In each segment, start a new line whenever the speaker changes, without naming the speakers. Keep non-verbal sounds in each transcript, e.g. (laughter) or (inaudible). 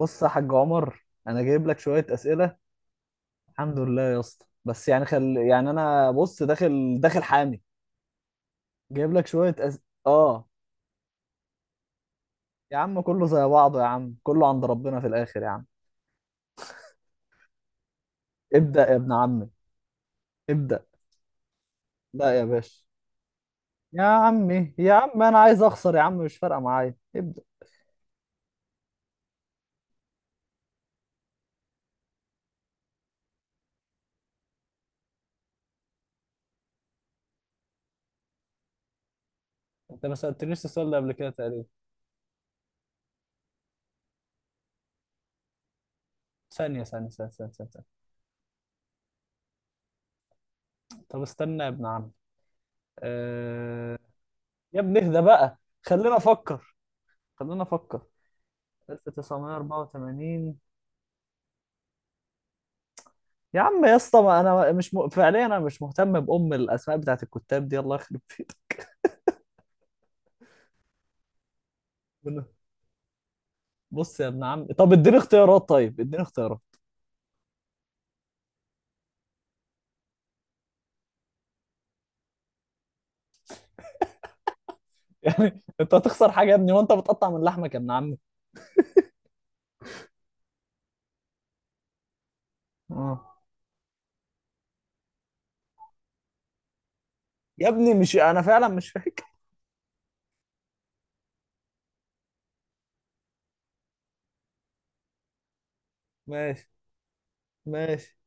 بص يا حاج عمر، انا جايب لك شويه اسئله. الحمد لله يا اسطى. بس يعني يعني انا بص، داخل داخل حامي. جايب لك شويه اه. يا عم كله زي بعضه يا عم، كله عند ربنا في الاخر يا عم. ابدا يا ابن عمي، ابدا. لا يا باشا. يا عمي، يا عم انا عايز اخسر يا عم، مش فارقه معايا ابدا. انت ما سألتنيش السؤال ده قبل كده تقريبا. ثانية ثانية ثانية ثانية، ثانية. طب استنى يا ابن عم. أه... يا ابني اهدى بقى، خلينا افكر، خلينا افكر. 1984. يا عم يا اسطى، ما انا مش م... فعليا انا مش مهتم بام الاسماء بتاعت الكتاب دي، الله يخرب بيتك. بص يا ابن عم، طب اديني اختيارات، طيب اديني اختيارات. (laughs) يعني انت هتخسر حاجه يا ابني، وانت بتقطع من لحمك يا ابن عمي. اه. يا ابني، مش انا فعلا مش فاكر. ماشي، ماشي.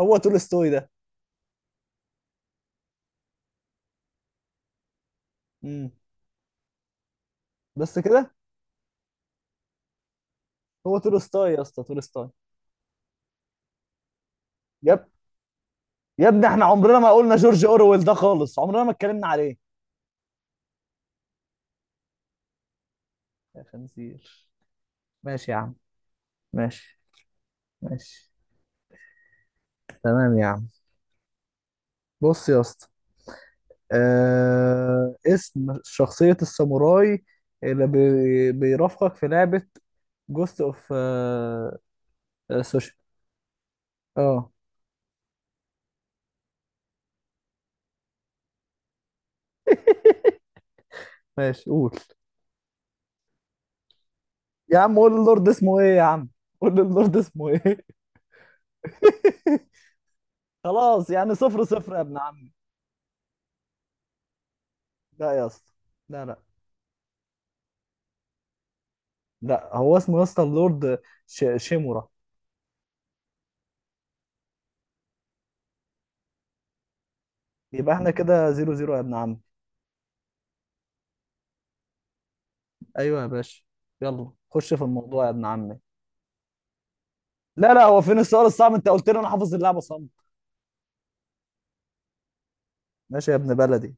هو تولستوي ده؟ امم بس كده. هو تولستوي يا اسطى، تولستوي. يا اب- يا ابني احنا عمرنا ما قلنا جورج اورويل ده خالص، عمرنا ما اتكلمنا عليه. يا خنزير. ماشي يا عم، ماشي، ماشي. تمام يا عم. بص يا اسطى. اسم شخصية الساموراي اللي بيرافقك في لعبة جوست اوف سوشيال. اه. (laughs) ماشي قول. يا عم قول اللورد اسمه ايه يا عم، قول اللورد اسمه ايه؟ (laughs) خلاص يعني 0-0 يا ابن عم. لا يا اسطى، لا، لا. لا، هو اسمه يا اسطى اللورد شيمورا. يبقى احنا كده 0-0 يا ابن عم. ايوه يا باشا. يلا خش في الموضوع يا ابن عمي. لا لا، هو فين السؤال الصعب؟ انت قلت لي انا حافظ اللعبه صم. ماشي يا ابن بلدي.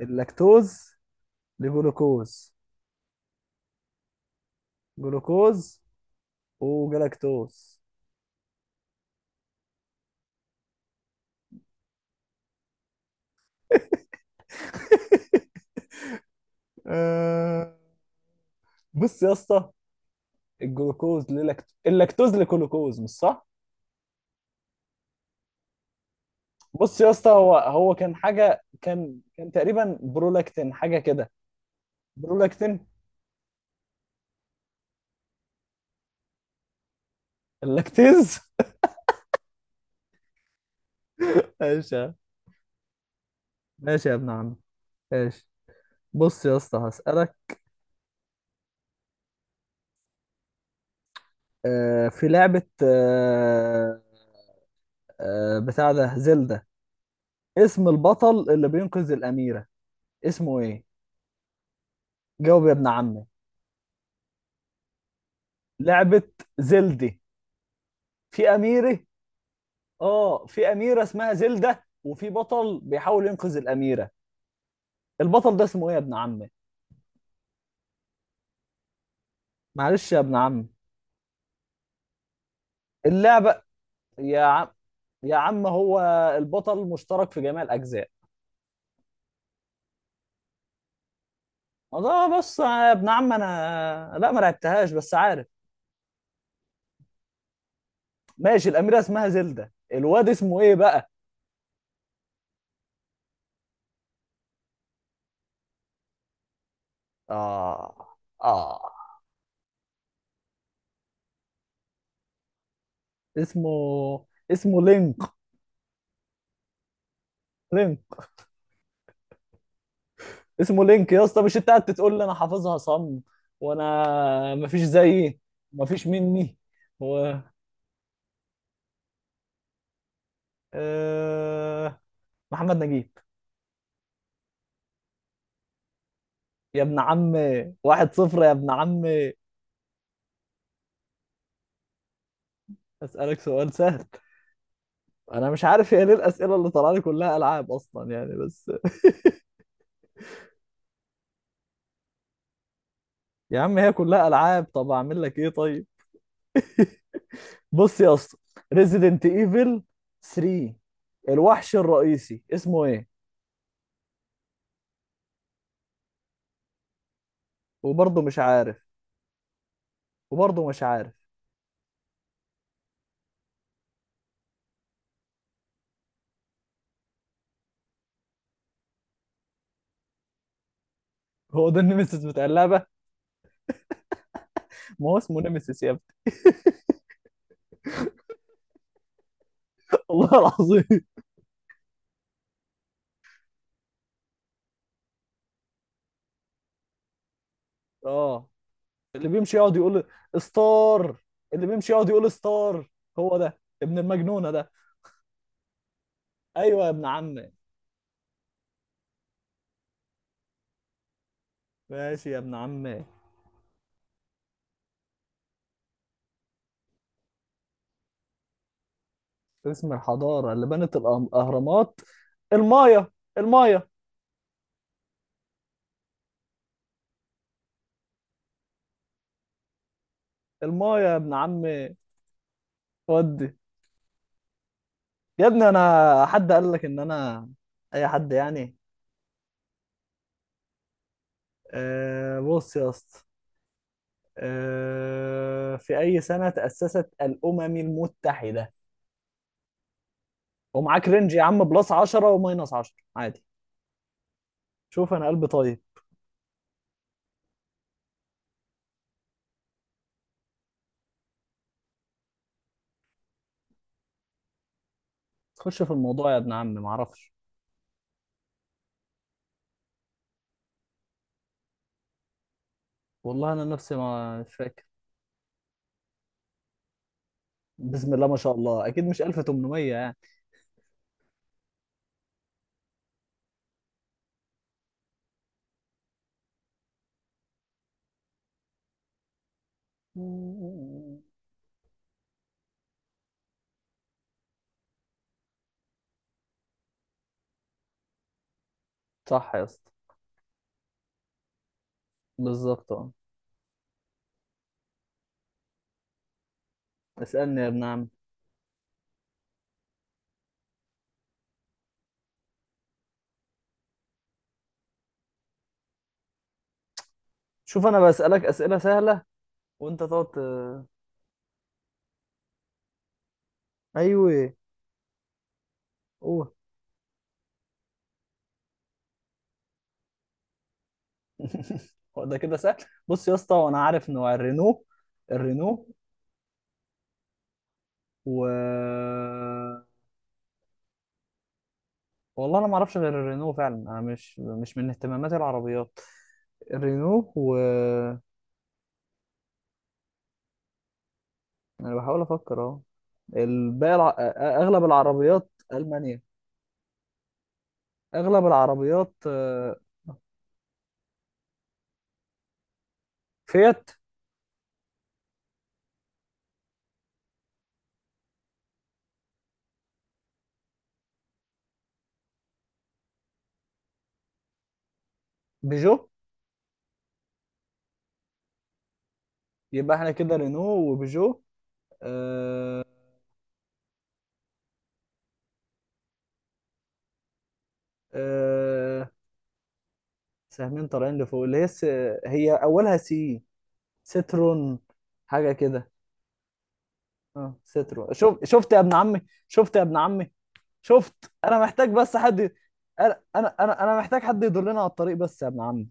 اللاكتوز لجلوكوز. جلوكوز وجلاكتوز. (laughs) آه، بص يا اسطى. اللاكتوز لجلوكوز مش صح. بص يا اسطى، هو كان حاجه، كان تقريبا برولاكتين حاجه كده. برولاكتين. اللاكتيز. (laughs) ماشي يا- ماشي يا ابن عم، ماشي. بص يا اسطى هسألك. في لعبة بتاع ده زلدة. اسم البطل اللي بينقذ الأميرة اسمه ايه؟ جاوب يا ابن عمي. لعبة زلدي. في أميرة. اه، في أميرة اسمها زلدة وفي بطل بيحاول ينقذ الأميرة. البطل ده اسمه ايه يا ابن عمي؟ معلش يا ابن عمي. اللعبة. يا عم، يا عم، هو البطل مشترك في جميع الأجزاء. اه بص يا ابن عم، انا لا ما لعبتهاش بس عارف. ماشي، الأميرة اسمها زلدة، الواد اسمه ايه بقى؟ اه. اه. اسمه اسمه لينك. لينك. اسمه لينك يا اسطى، مش انت قاعد تقول لي انا حافظها صم؟ وانا مفيش زيي، مفيش مني. و آه، محمد نجيب. يا ابن عمي 1-0 يا ابن عمي. اسالك سؤال سهل. انا مش عارف، هي ليه الاسئله اللي طالعه لي كلها العاب اصلا يعني، بس. يا عم هي كلها العاب، طب اعمل لك ايه طيب؟ بص يا اسطى، ريزيدنت ايفل 3. الوحش الرئيسي اسمه ايه؟ وبرضه مش عارف، وبرضه مش عارف. هو ده النمسيس بتاع اللعبه. ما هو اسمه نمسيس يا ابني. (laughs) والله العظيم. اه، اللي بيمشي يقعد يقول ستار. اللي بيمشي يقعد يقول ستار. هو ده ابن المجنونة ده. ايوه يا ابن عمي. ماشي يا ابن عمي. اسم الحضارة اللي بنت الأهرامات. المايا، المايا. المايا يا ابن عمي. ودي. يا ابني، انا حد قال لك ان انا؟ اي حد يعني. بص يا اسطى. في اي سنة تأسست الأمم المتحدة؟ ومعاك رينج يا عم، بلس 10 وماينس 10 عادي. شوف انا قلبي طيب. خش في الموضوع يا ابن عم، ما اعرفش. والله انا نفسي ما مش فاكر. بسم الله ما شاء الله، اكيد مش 1800 يعني. صح يا اسطى. بالظبط اه. اسالني يا ابن عم. شوف انا بسالك اسئله سهله، وانت تقعد ايوه. اوه. (laughs) هو ده كده سهل؟ بص يا اسطى، وانا عارف نوع الرينو. الرينو و. والله انا ما اعرفش غير الرينو فعلا، انا مش من اهتماماتي العربيات. الرينو و. انا بحاول افكر اهو. الباقي الع... اغلب العربيات المانيا. اغلب العربيات فيات. بيجو. يبقى احنا كده رينو وبيجو. آه، آه، سهمين طالعين لفوق، اللي هي هي اولها سي. سترون حاجه كده. اه سترون. شوف، شفت يا ابن عمي، شفت يا ابن عمي، شفت. انا محتاج بس حد انا انا انا أنا محتاج حد يدلنا على الطريق بس يا ابن عمي.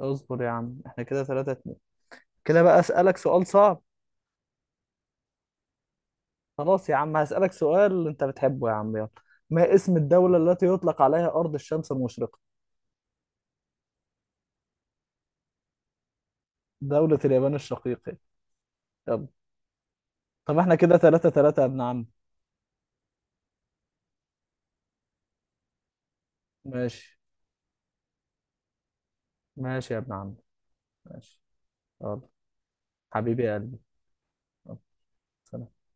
اصبر يا عم، احنا كده 3. كده بقى أسألك سؤال صعب. خلاص يا عم، هسألك سؤال أنت بتحبه يا عم، يلا. ما اسم الدولة التي يطلق عليها أرض الشمس المشرقة؟ دولة اليابان الشقيقة. يلا. طب احنا كده 3-3 يا ابن عم. ماشي، ماشي يا ابن عم، ماشي. يلا. حبيبي يا قلبي. يلا. سلام.